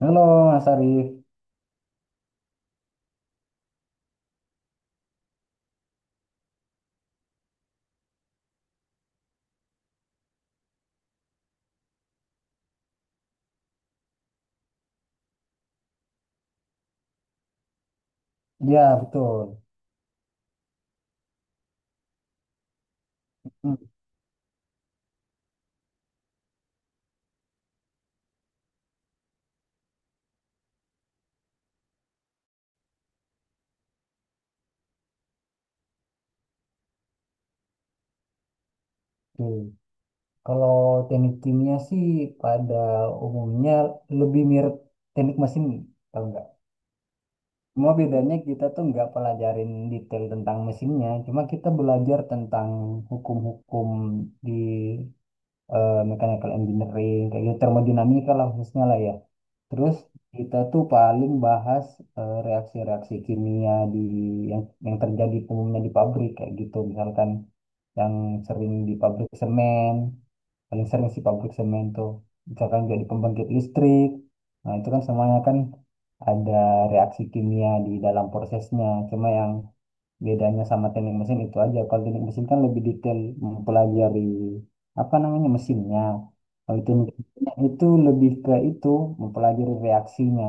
Halo Mas Arif, ya betul. Hmm, Oke. Kalau teknik kimia sih pada umumnya lebih mirip teknik mesin, kalau enggak. Cuma bedanya kita tuh nggak pelajarin detail tentang mesinnya, cuma kita belajar tentang hukum-hukum di mechanical engineering, kayak gitu, termodinamika lah khususnya lah ya. Terus kita tuh paling bahas reaksi-reaksi kimia di yang terjadi umumnya di pabrik kayak gitu. Misalkan yang sering di pabrik semen, paling sering sih pabrik semen tuh. Misalkan jadi pembangkit listrik. Nah, itu kan semuanya kan ada reaksi kimia di dalam prosesnya. Cuma yang bedanya sama teknik mesin itu aja, kalau teknik mesin kan lebih detail mempelajari apa namanya mesinnya, kalau teknik kimia itu lebih ke itu, mempelajari reaksinya,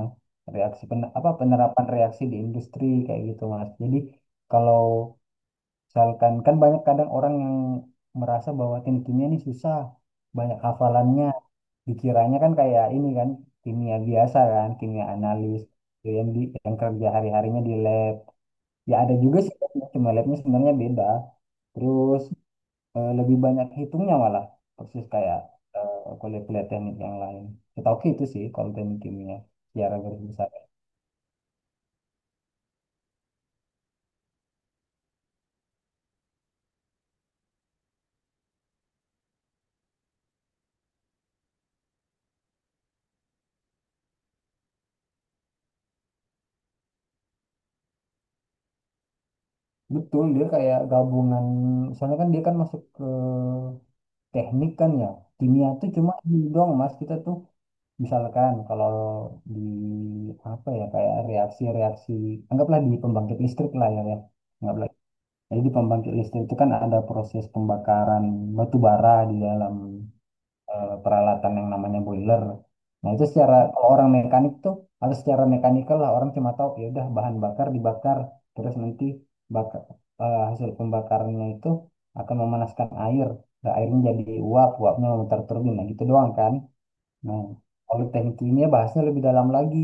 reaksi pen- apa penerapan reaksi di industri kayak gitu, Mas. Jadi kalau misalkan kan banyak kadang orang yang merasa bahwa teknik kimia ini susah, banyak hafalannya, dikiranya kan kayak ini kan kimia biasa, kan kimia analis yang di yang kerja hari-harinya di lab. Ya ada juga sih, labnya, cuma labnya sebenarnya beda. Terus lebih banyak hitungnya malah, persis kayak kuliah-kuliah teknik yang lain. Setahu itu sih kalau teknik kimia secara garis besar. Betul, dia kayak gabungan, soalnya kan dia kan masuk ke teknik kan ya. Kimia tuh cuma ini doang, Mas, kita tuh misalkan kalau di apa ya kayak reaksi-reaksi, anggaplah di pembangkit listrik lah ya, ya. Jadi di pembangkit listrik itu kan ada proses pembakaran batu bara di dalam peralatan yang namanya boiler. Nah itu secara kalau orang mekanik tuh atau secara mekanikal lah, orang cuma tahu ya udah bahan bakar dibakar, terus nanti bakar hasil pembakarannya itu akan memanaskan air. Nah, airnya jadi uap, uapnya memutar turbin. Nah gitu doang kan. Nah, kalau teknik kimia bahasnya lebih dalam lagi.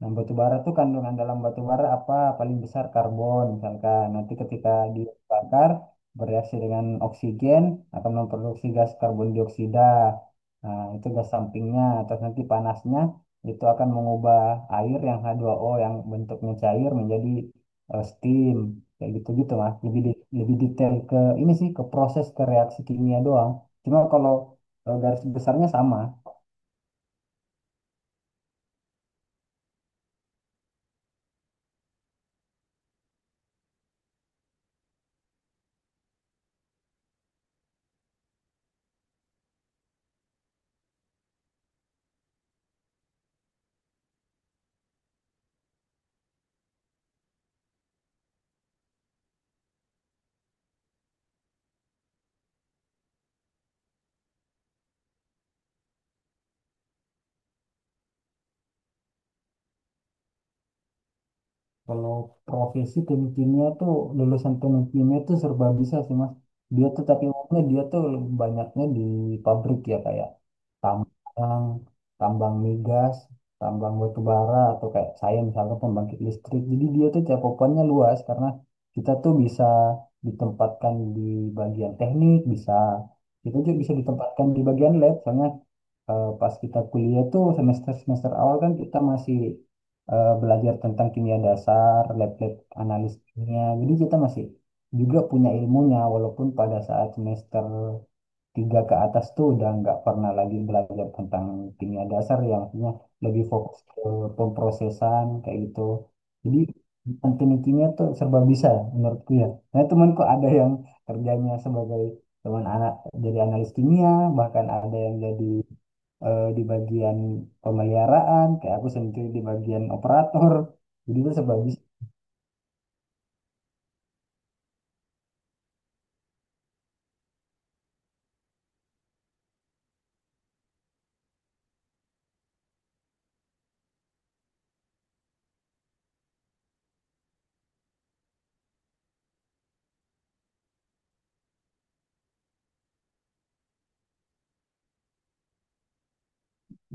Nah, batu bara tuh kandungan dalam batu bara apa? Paling besar karbon misalkan. Nanti ketika dibakar bereaksi dengan oksigen akan memproduksi gas karbon dioksida. Nah, itu gas sampingnya. Terus nanti panasnya itu akan mengubah air yang h dua o yang bentuknya cair menjadi steam. Kayak gitu-gitu lah. Lebih di- lebih detail ke ini sih, ke proses ke reaksi kimia doang. Cuma kalau garis besarnya sama. Kalau profesi tim kimia tuh, lulusan tim kimia tuh serba bisa sih, Mas. Dia tuh tapi umumnya dia tuh banyaknya di pabrik ya, kayak tambang, tambang migas, tambang batu bara, atau kayak saya misalnya pembangkit listrik. Jadi dia tuh cakupannya luas karena kita tuh bisa ditempatkan di bagian teknik, bisa kita juga bisa ditempatkan di bagian lab. Soalnya pas kita kuliah tuh semester-semester awal kan kita masih belajar tentang kimia dasar, lab-lab analis kimia. Jadi kita masih juga punya ilmunya walaupun pada saat semester 3 ke atas tuh udah nggak pernah lagi belajar tentang kimia dasar, yang artinya lebih fokus ke pemprosesan kayak gitu. Jadi tentang teknik kimia tuh serba bisa menurutku ya. Nah temanku ada yang kerjanya sebagai teman anak, jadi analis kimia, bahkan ada yang jadi di bagian pemeliharaan, kayak aku sendiri di bagian operator. Jadi itu sebab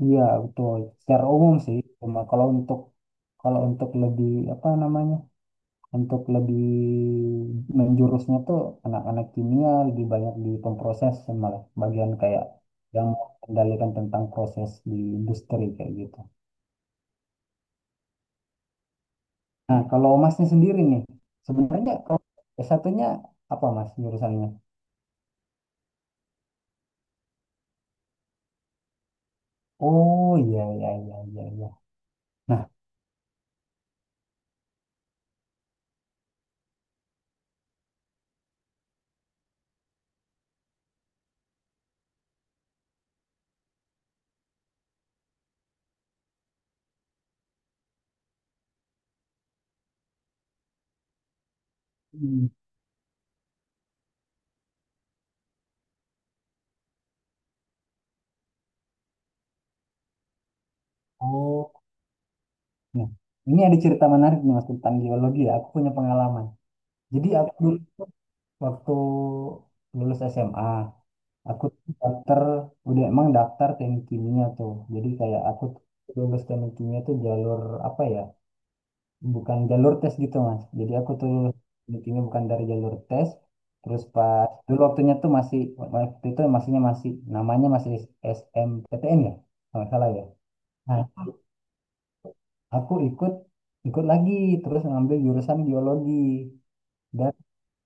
iya betul. Secara umum sih, cuma kalau untuk lebih apa namanya, untuk lebih menjurusnya tuh, anak-anak kimia lebih banyak di pemproses, malah bagian kayak yang mengendalikan tentang proses di industri kayak gitu. Nah, kalau masnya sendiri nih, sebenarnya kalau s 1 apa, Mas, jurusannya? Oh iya iya iya iya iya. Nah, oh, nah, ini ada cerita menarik nih, Mas, tentang geologi ya. Aku punya pengalaman. Jadi aku dulu tuh waktu lulus SMA, aku tuh daftar udah emang daftar teknik kimia tuh. Jadi kayak aku tuh lulus teknik kimia tuh jalur apa ya? Bukan jalur tes gitu, Mas. Jadi aku tuh lulus teknik kimia bukan dari jalur tes. Terus pas dulu waktunya tuh masih waktu itu masihnya masih namanya masih SMPTN ya, kalau nggak salah ya. Nah, aku ikut ikut lagi terus ngambil jurusan biologi dan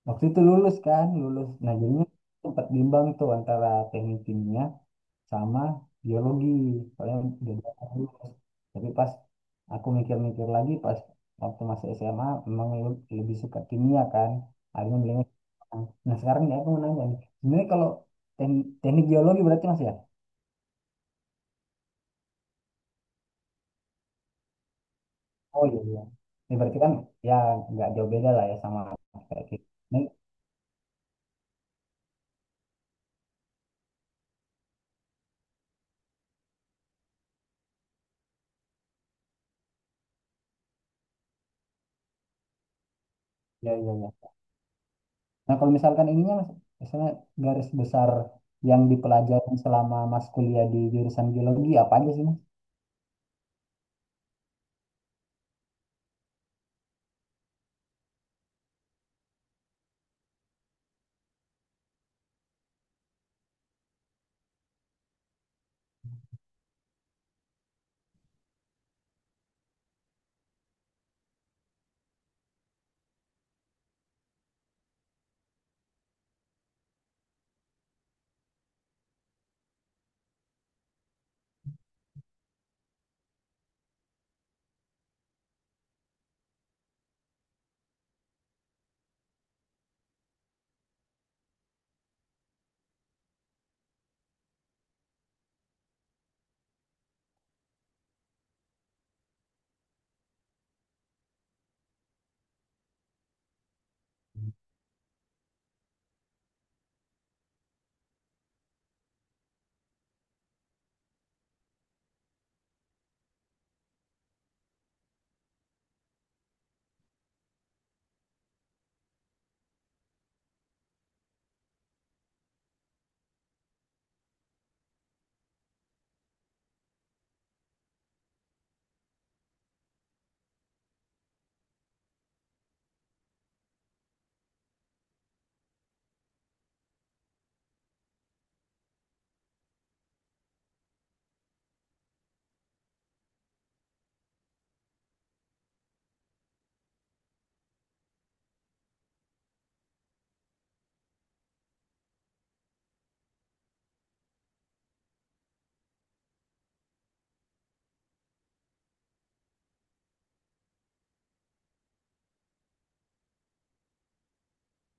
waktu itu lulus kan lulus, nah jadinya sempat bimbang tuh antara teknik kimia sama biologi, soalnya beda kan lulus, tapi pas aku mikir-mikir lagi pas waktu masih SMA memang lu- lebih suka kimia kan, akhirnya milihnya kimia. Nah sekarang nih aku mau nanya nih, sebenarnya kalau teknik, teknik biologi berarti, Mas, ya? Oh iya iya. Ini berarti kan ya nggak jauh beda lah ya sama kayak gitu. Iya, iya, iya. Nah, kalau misalkan ininya, Mas, misalnya garis besar yang dipelajari selama Mas kuliah di jurusan geologi, apa aja sih, Mas?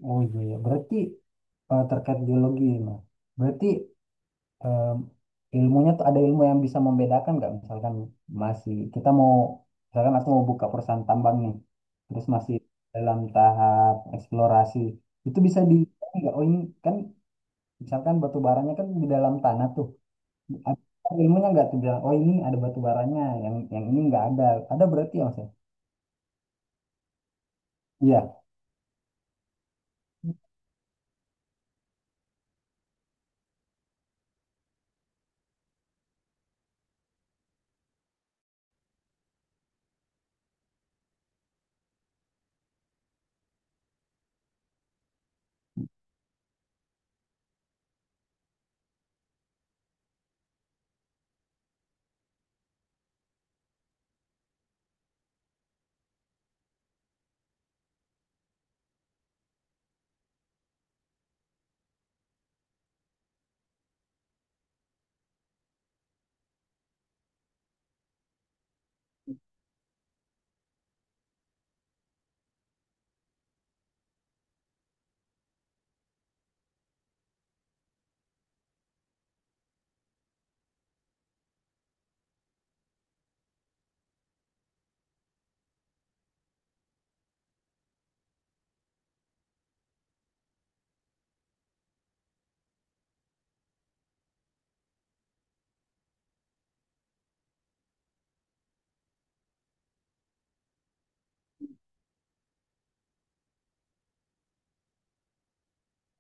Oh iya, iya. Berarti terkait geologi, Mas. Berarti eh, ilmunya tuh ada ilmu yang bisa membedakan nggak? Misalkan masih, kita mau, misalkan aku mau buka perusahaan tambang nih, terus masih dalam tahap eksplorasi, itu bisa di, nggak? Oh ini kan, misalkan batu baranya kan di dalam tanah tuh, apa ilmunya nggak tuh bilang, oh ini ada batu baranya, yang ini nggak ada. Ada berarti ya, Mas, ya? Iya.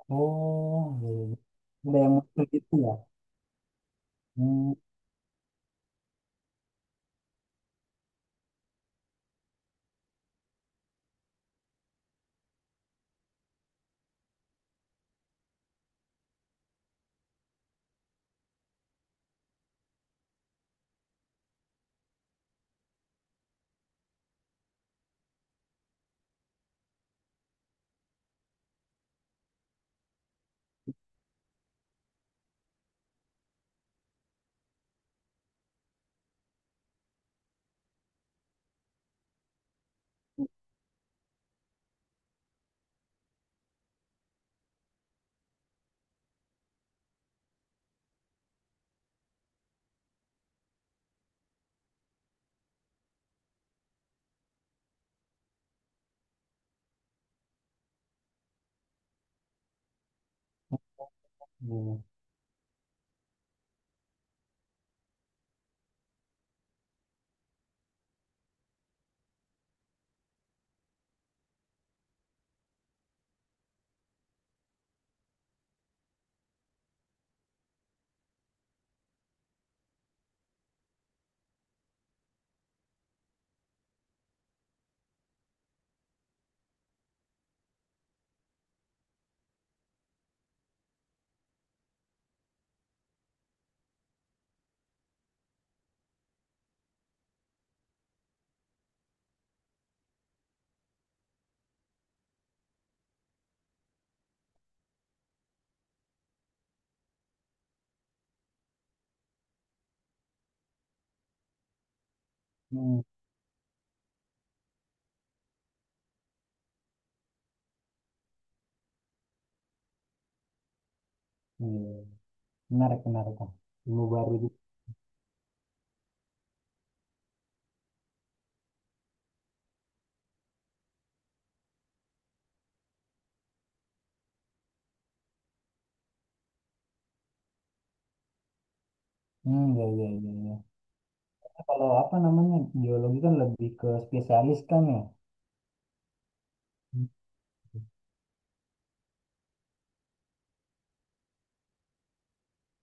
Oh, iya, iya. Ada yang muncul gitu ya? Hmm, iya. Hmm, iya. Menarik, menarik, Kak. Ilmu baru gitu. Hmm, iya, iya, iya, iya. Karena kalau apa namanya, geologi kan lebih ke spesialis kan ya? Hmm,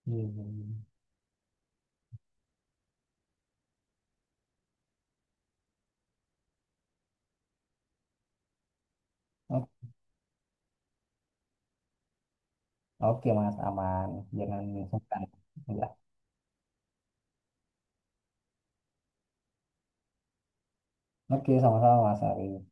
iya, iya, iya. O- Oke, Mas, aman. Jangan sungkan. Ya. Oke, sama-sama, Mas Ari.